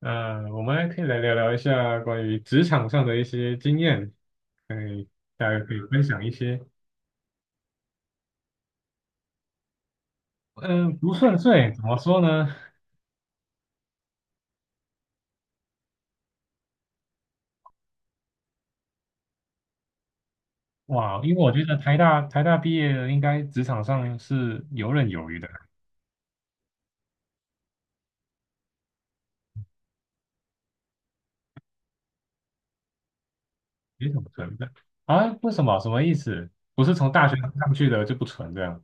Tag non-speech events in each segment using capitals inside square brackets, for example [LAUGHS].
我们还可以来聊聊一下关于职场上的一些经验，可以，大家可以分享一些。嗯，不顺遂怎么说呢？哇，因为我觉得台大毕业的应该职场上是游刃有余的，没什么存在啊？为什么？什么意思？不是从大学上去的就不纯这样？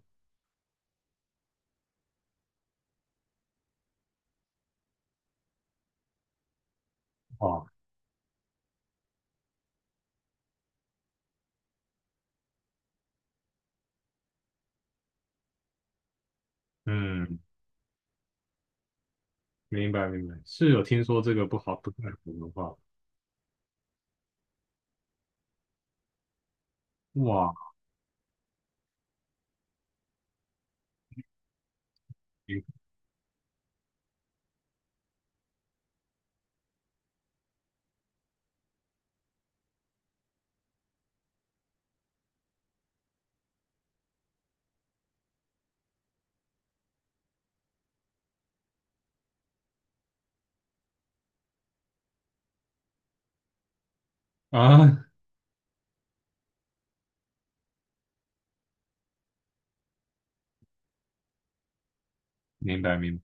哇，嗯，明白明白，是有听说这个不太好的话，哇，明啊，明白明白，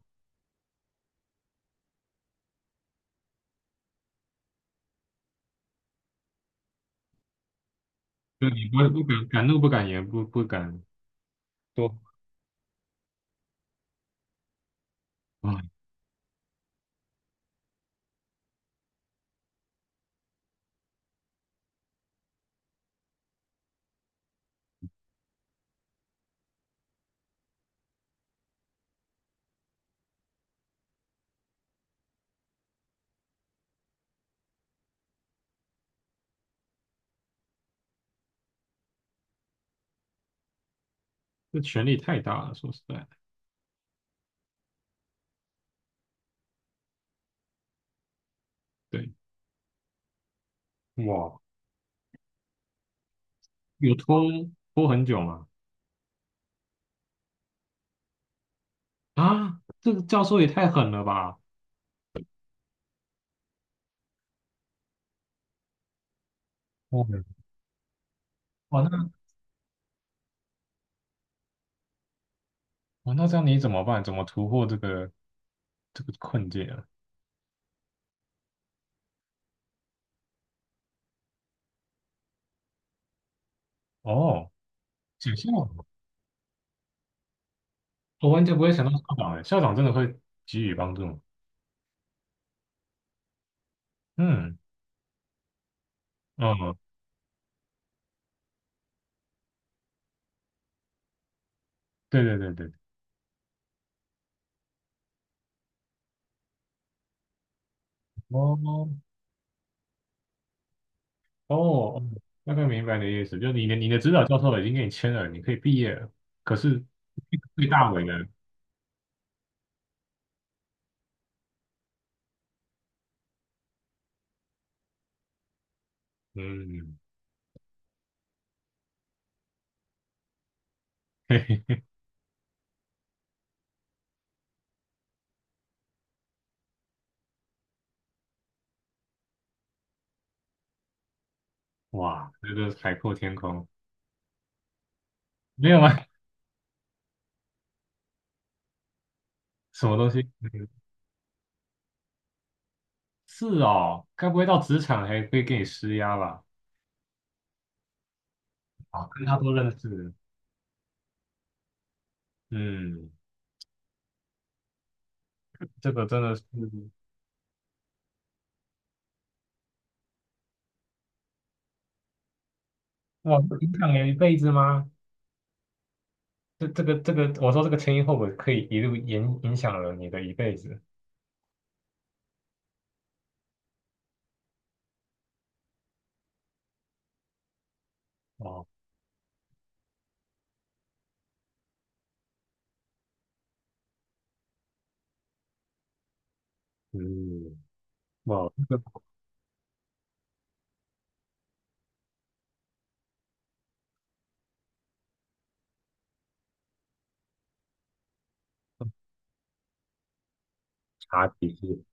就你不敢怒不敢言，不敢多。这权力太大了，说实在的，对，哇，有拖很久吗？啊，这个教授也太狠了吧！哦，哇，哇，那这样你怎么办？怎么突破这个困境啊？哦，想象，我完全不会想到校长诶，校长真的会给予帮助吗？嗯嗯，对对对对，哦哦，哦，大概明白你的意思，就是你的指导教授已经给你签了，你可以毕业了，可是最大伟的，嗯，嘿嘿，哇，这个海阔天空。没有吗？[LAUGHS] 什么东西？嗯，是哦，该不会到职场还会给你施压吧？啊，跟他都认识，嗯，这个真的是哇，影响人一辈子吗？这个，我说这个前因后果可以一路影响了你的一辈子。哦，嗯，哇，这个茶体系，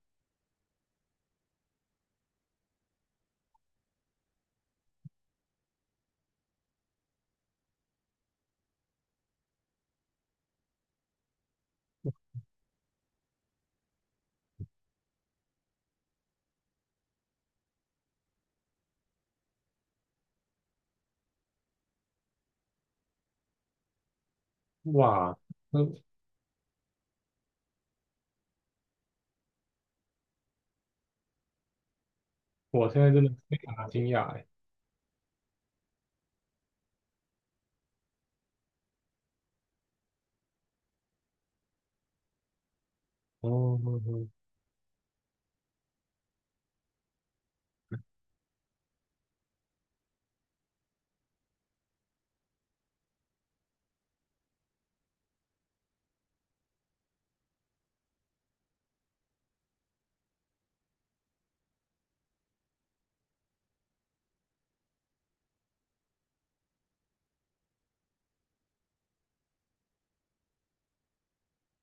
哇，那我现在真的非常的惊讶哎。哦，嗯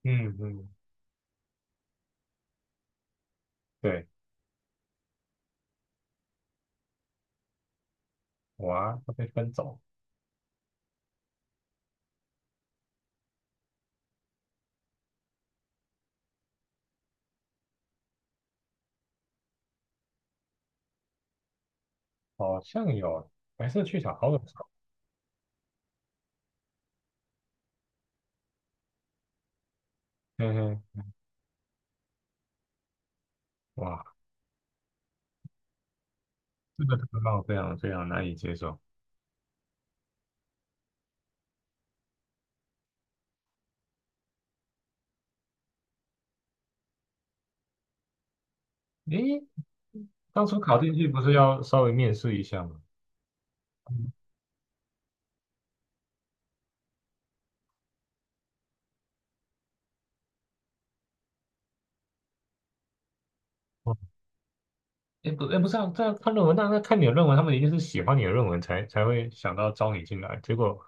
嗯，嗯，对，哇，他被分走，好像有白色去小好耳熟。嗯哼。哇，这个让我非常非常难以接受。诶，当初考进去不是要稍微面试一下吗？哦，诶不是啊，这样看论文，那看你的论文，他们一定是喜欢你的论文才会想到招你进来，结果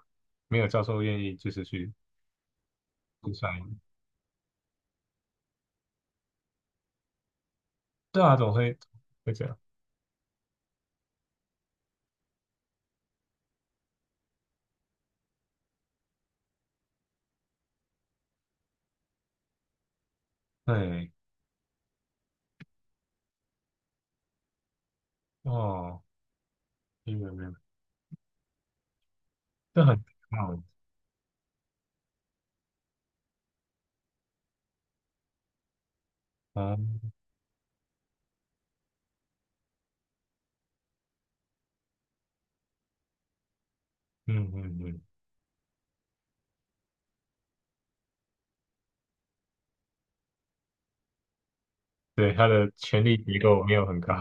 没有教授愿意就是去上，对啊，总会这样，对，哦，明白明白，这很好，哦，嗯嗯嗯，对，他的权力结构没有很高，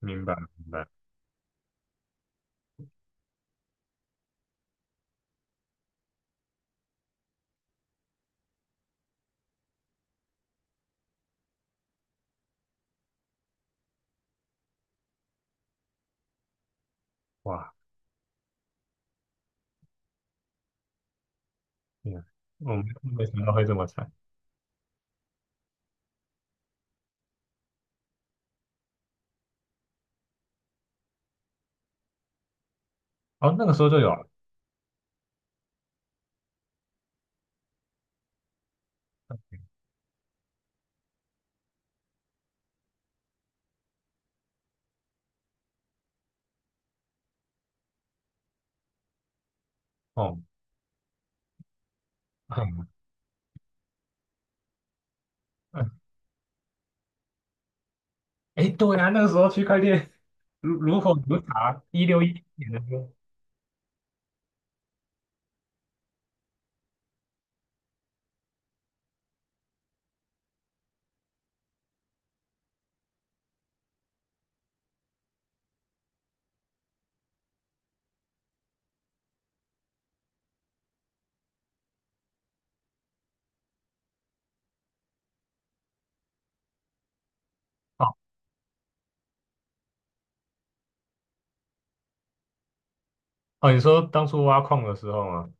明白明白，哇，天啊，我们没想到会这么惨，哦，那个时候就有了。哦，嗯，嗯，哎，对啊，那个时候区块链如火如荼啊，2016-2017年的时候，哦哦，你说当初挖矿的时候吗？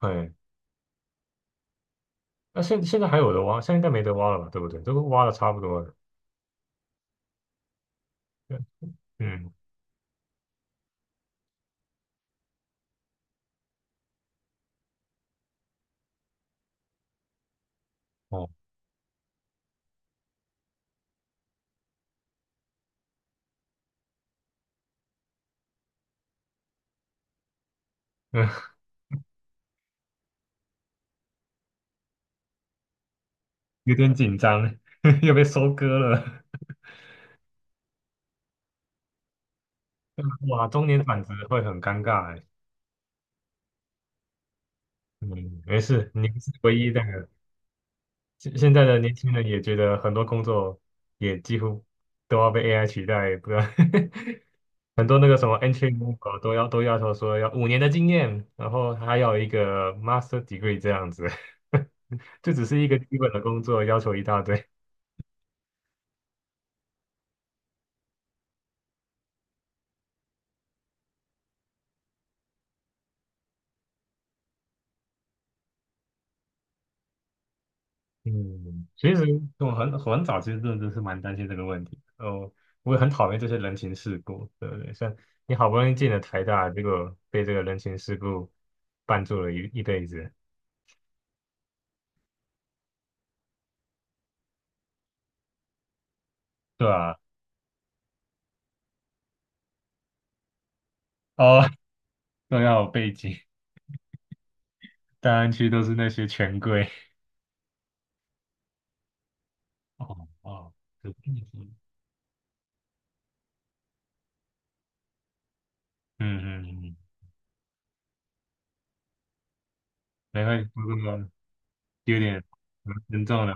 对，那现在还有的挖，现在应该没得挖了吧？对不对？都挖的差不多了。对，嗯，哦，嗯，[LAUGHS] 有点紧张，[LAUGHS] 又被收割了。哇，中年转职会很尴尬哎。嗯，没事，你不是唯一那个。现在的年轻人也觉得很多工作也几乎都要被 AI 取代，不知道 [LAUGHS] 很多那个什么 entry level 都要求说要5年的经验，然后还要一个 master degree 这样子，[LAUGHS] 这只是一个基本的工作，要求一大堆。嗯，其实我很早其实真的是蛮担心这个问题的哦，我也很讨厌这些人情世故，对不对？像你好不容易进了台大，结果被这个人情世故绊住了一辈子，对啊，哦，[LAUGHS] 都要有背景，大安区都是那些权贵，哦哦，有背景，嗯嗯嗯。才会这个有点蛮严重的。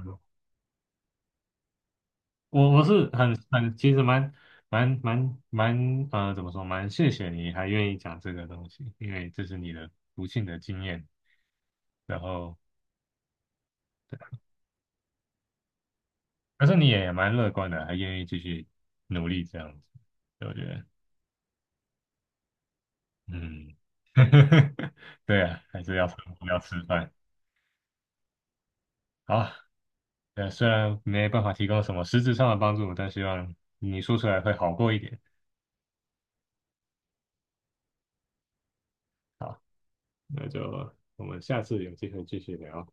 我是很其实蛮怎么说，蛮谢谢你还愿意讲这个东西，因为这是你的不幸的经验。然后，但是你也蛮乐观的，还愿意继续努力这样子，对我觉得，嗯，[LAUGHS] 对啊，还是要生活要吃饭。好，虽然没办法提供什么实质上的帮助，但希望你说出来会好过一点。好。那就我们下次有机会继续聊。